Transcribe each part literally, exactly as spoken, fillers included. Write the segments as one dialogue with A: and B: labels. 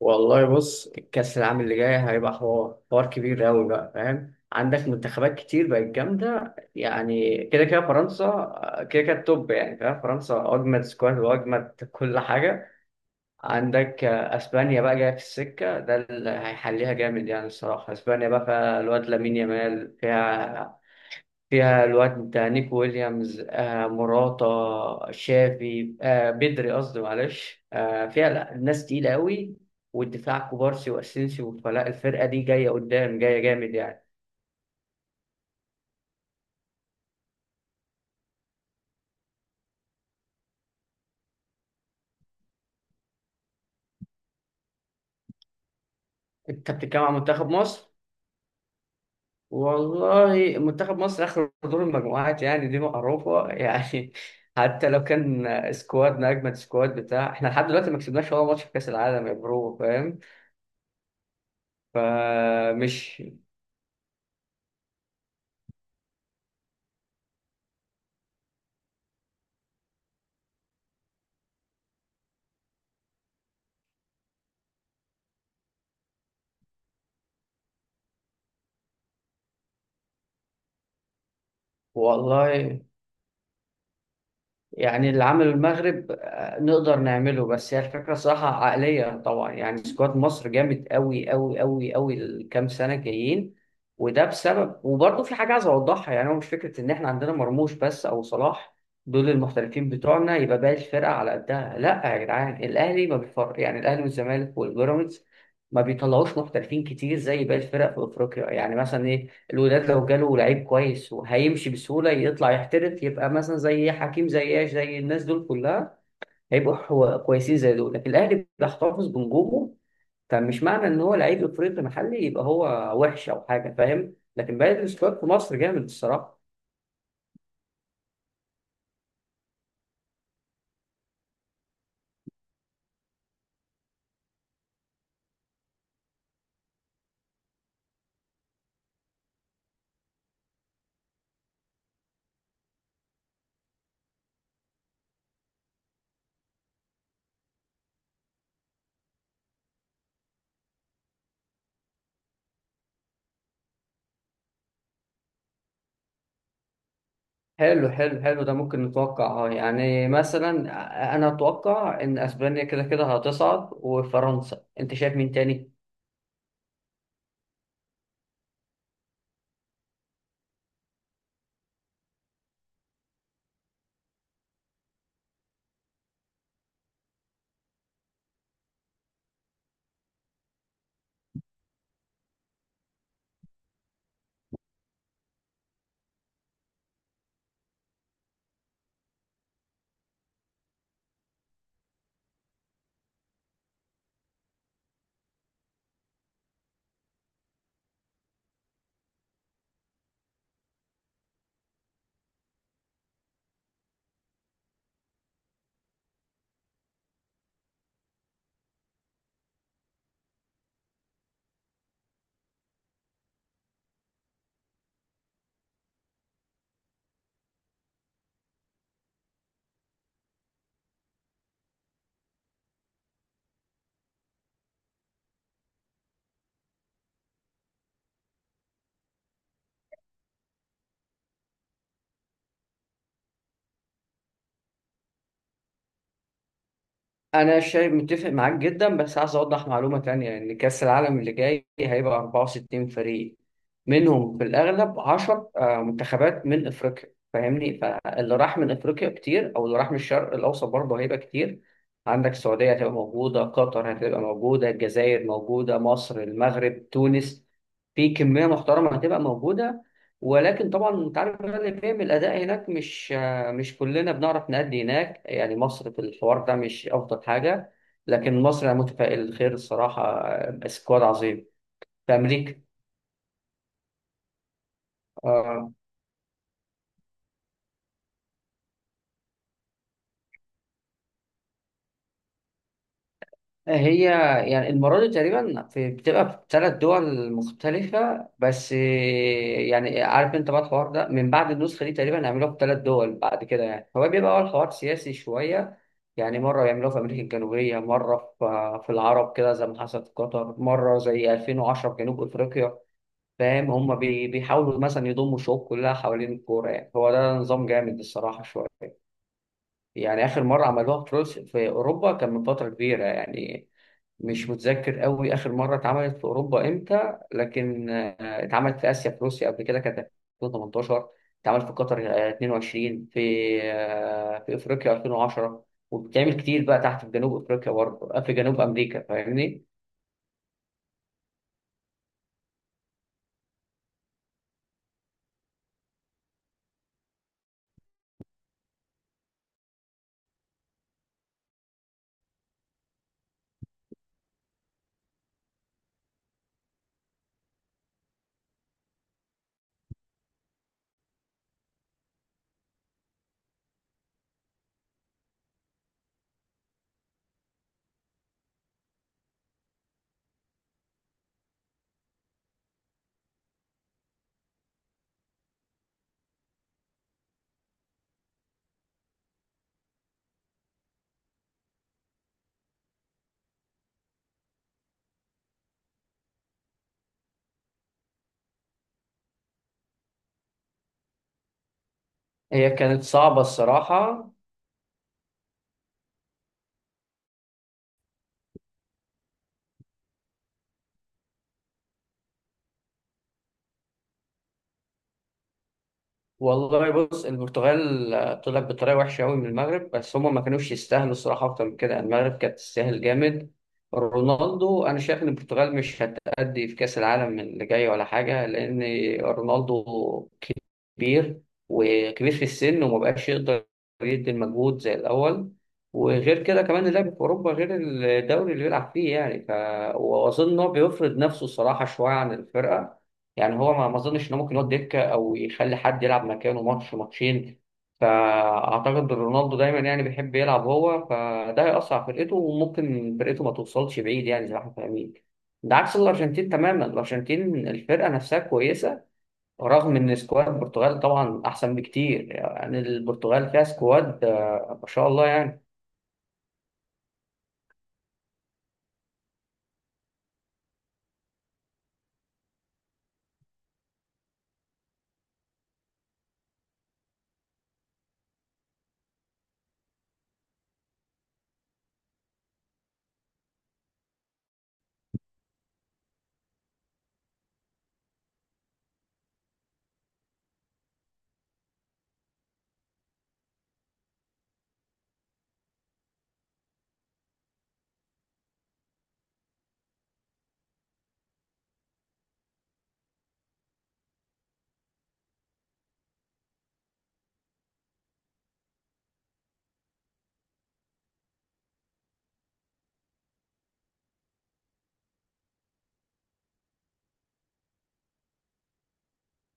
A: والله بص الكأس العام اللي جاي هيبقى حوار حوار كبير أوي بقى فاهم. عندك منتخبات كتير بقت جامدة يعني كده كده فرنسا، آه، كده كده التوب يعني فاهم. فرنسا أجمد سكواد وأجمد كل حاجة. عندك آه، أسبانيا بقى جاية في السكة، ده اللي هيحليها جامد يعني الصراحة. أسبانيا بقى فيها الواد لامين يامال، فيها فيها الواد نيك ويليامز آه مراتا شافي آه بدري، قصدي معلش. آه فيها لا ناس تقيلة قوي، والدفاع كوبارسي واسينسيو، فلا الفرقة دي جاية قدام جاية جامد يعني. انت بتتكلم عن منتخب مصر. والله منتخب مصر اخر دور المجموعات، يعني دي معروفة يعني حتى لو كان سكوادنا اجمد سكواد بتاع احنا، لحد دلوقتي ما كسبناش ولا ماتش في كاس العالم يا برو فاهم. فمش والله يعني اللي عمله المغرب، آه، نقدر نعمله. بس هي الفكرة صراحة عقلية. طبعا يعني سكواد مصر جامد قوي قوي قوي قوي الكام سنة جايين. وده بسبب، وبرضه في حاجة عايز أوضحها. يعني هو مش فكرة إن إحنا عندنا مرموش بس أو صلاح، دول المحترفين بتوعنا، يبقى باقي الفرقة على قدها. لا يا جدعان، الأهلي ما بيفرق يعني. الأهلي والزمالك والبيراميدز ما بيطلعوش محترفين كتير زي باقي الفرق في أفريقيا. يعني مثلا إيه، الوداد لو جاله لعيب كويس وهيمشي بسهولة يطلع يحترف، يبقى مثلا زي حكيم زي ايش زي الناس دول كلها هيبقوا حو- كويسين زي دول. لكن الأهلي بيحتفظ بنجومه. فمش معنى إن هو لعيب إفريقي محلي يبقى هو وحش أو حاجة فاهم. لكن باقي السكواد في مصر جامد الصراحة. حلو حلو حلو، ده ممكن نتوقع اه يعني. مثلا أنا أتوقع إن أسبانيا كده كده هتصعد وفرنسا. أنت شايف مين تاني؟ انا شايف متفق معاك جدا. بس عايز اوضح معلومه تانية، ان كاس العالم اللي جاي هيبقى أربعة وستين فريق، منهم في الاغلب عشر منتخبات من افريقيا فاهمني. فاللي راح من افريقيا كتير او اللي راح من الشرق الاوسط برضه هيبقى كتير. عندك السعوديه هتبقى موجوده، قطر هتبقى موجوده، الجزائر موجوده، مصر، المغرب، تونس، في كميه محترمه هتبقى موجوده. ولكن طبعا انت عارف بقى اللي بيعمل الاداء هناك، مش مش كلنا بنعرف نأدي هناك يعني. مصر في الحوار ده مش أفضل حاجة، لكن مصر أنا متفائل خير الصراحة. آه، سكواد عظيم. في أمريكا. آه، هي يعني المرة دي تقريبا في بتبقى في ثلاث دول مختلفة بس. آه، يعني عارف أنت بقى الحوار ده من بعد النسخة دي تقريبا هيعملوها في ثلاث دول بعد كده. يعني هو بيبقى أول حوار سياسي شوية. يعني مرة يعملوها في أمريكا الجنوبية، مرة في آه، في العرب كده زي ما حصل في قطر، مرة زي ألفين وعشرة في جنوب أفريقيا فاهم. هم بي- بيحاولوا مثلا يضموا الشعوب كلها حوالين الكورة. يعني هو ده نظام جامد الصراحة شوية. يعني آخر مرة عملوها في روسيا في أوروبا كان من فترة كبيرة يعني. مش متذكر قوي آخر مرة اتعملت في أوروبا إمتى، لكن آه، اتعملت في آسيا، في روسيا قبل كده كانت ألفين وتمنتاشر. اتعملت في قطر آه، اتنين وعشرين، في آه، في أفريقيا ألفين وعشرة. وبتعمل كتير بقى تحت في جنوب أفريقيا برضه، آه، في جنوب أمريكا فاهمني. هي كانت صعبة الصراحة. والله بص، البرتغال آه، طلعت بطريقه وحشه قوي من المغرب، بس هم ما كانوش يستاهلوا الصراحه اكتر من كده يعني. المغرب كانت تستاهل جامد. رونالدو، انا شايف ان البرتغال مش هتأدي في كاس العالم اللي جاي ولا حاجه، لان رونالدو كبير، وكبير في السن، وما بقاش يقدر يدي المجهود زي الأول. وغير كده كمان اللعب في أوروبا غير الدوري اللي بيلعب فيه يعني ف... وأظن إن هو بيفرض نفسه الصراحة شوية عن الفرقة. يعني هو ما ما أظنش إنه ممكن يقعد دكة أو يخلي حد يلعب مكانه ماتش ماتشين. فأعتقد رونالدو دايما يعني بيحب يلعب هو، فده هيأثر على فرقته وممكن فرقته ما توصلش بعيد يعني زي ما احنا فاهمين. ده عكس الأرجنتين تماما. الأرجنتين الفرقة نفسها كويسة، رغم ان سكواد البرتغال طبعا احسن بكتير. يعني البرتغال فيها سكواد، آه، ما شاء الله يعني.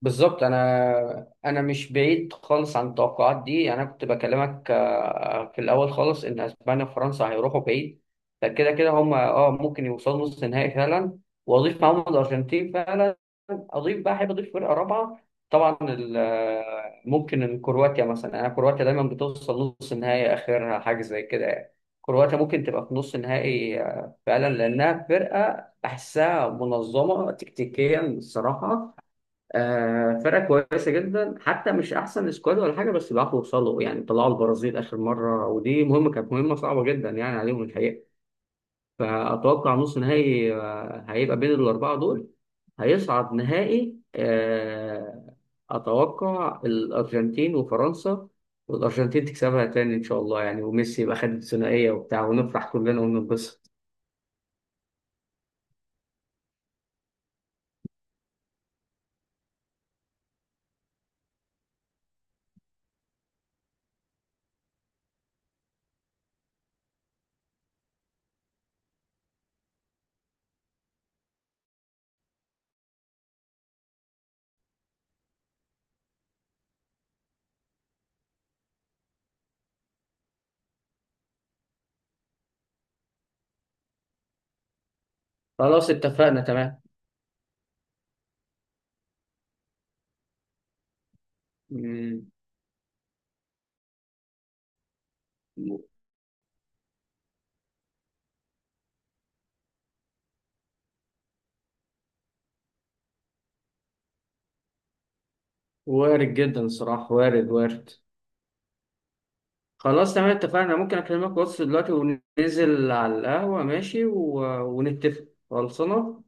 A: بالظبط، انا انا مش بعيد خالص عن التوقعات دي. يعني انا كنت بكلمك آه، في الاول خالص ان اسبانيا وفرنسا هيروحوا بعيد. فكده كده هم اه ممكن يوصلوا نص نهائي فعلا. واضيف معاهم الارجنتين فعلا. اضيف بقى، احب اضيف فرقه رابعه. طبعا ال- آه، ممكن إن كرواتيا مثلا. انا كرواتيا دايما بتوصل نص نهائي اخرها حاجه زي كده يعني. كرواتيا ممكن تبقى في نص نهائي آه، فعلا، لانها فرقه بحسها منظمه تكتيكيا الصراحه. آه، فرقة كويسة جدا، حتى مش أحسن سكواد ولا حاجة، بس بيعرفوا يوصلوا يعني. طلعوا البرازيل آخر مرة، ودي مهمة، كانت مهمة صعبة جدا يعني عليهم الحقيقة. فأتوقع نص نهائي آه، هيبقى بين الأربعة دول. هيصعد نهائي، آه، أتوقع الأرجنتين وفرنسا. والأرجنتين تكسبها تاني إن شاء الله يعني، وميسي يبقى خد الثنائية وبتاع، ونفرح كلنا وننبسط. خلاص اتفقنا تمام. مم. وارد جدا الصراحة، وارد وارد. خلاص تمام اتفقنا. ممكن اكلمك واتس دلوقتي وننزل على القهوة ماشي و... ونتفق. خلصنا.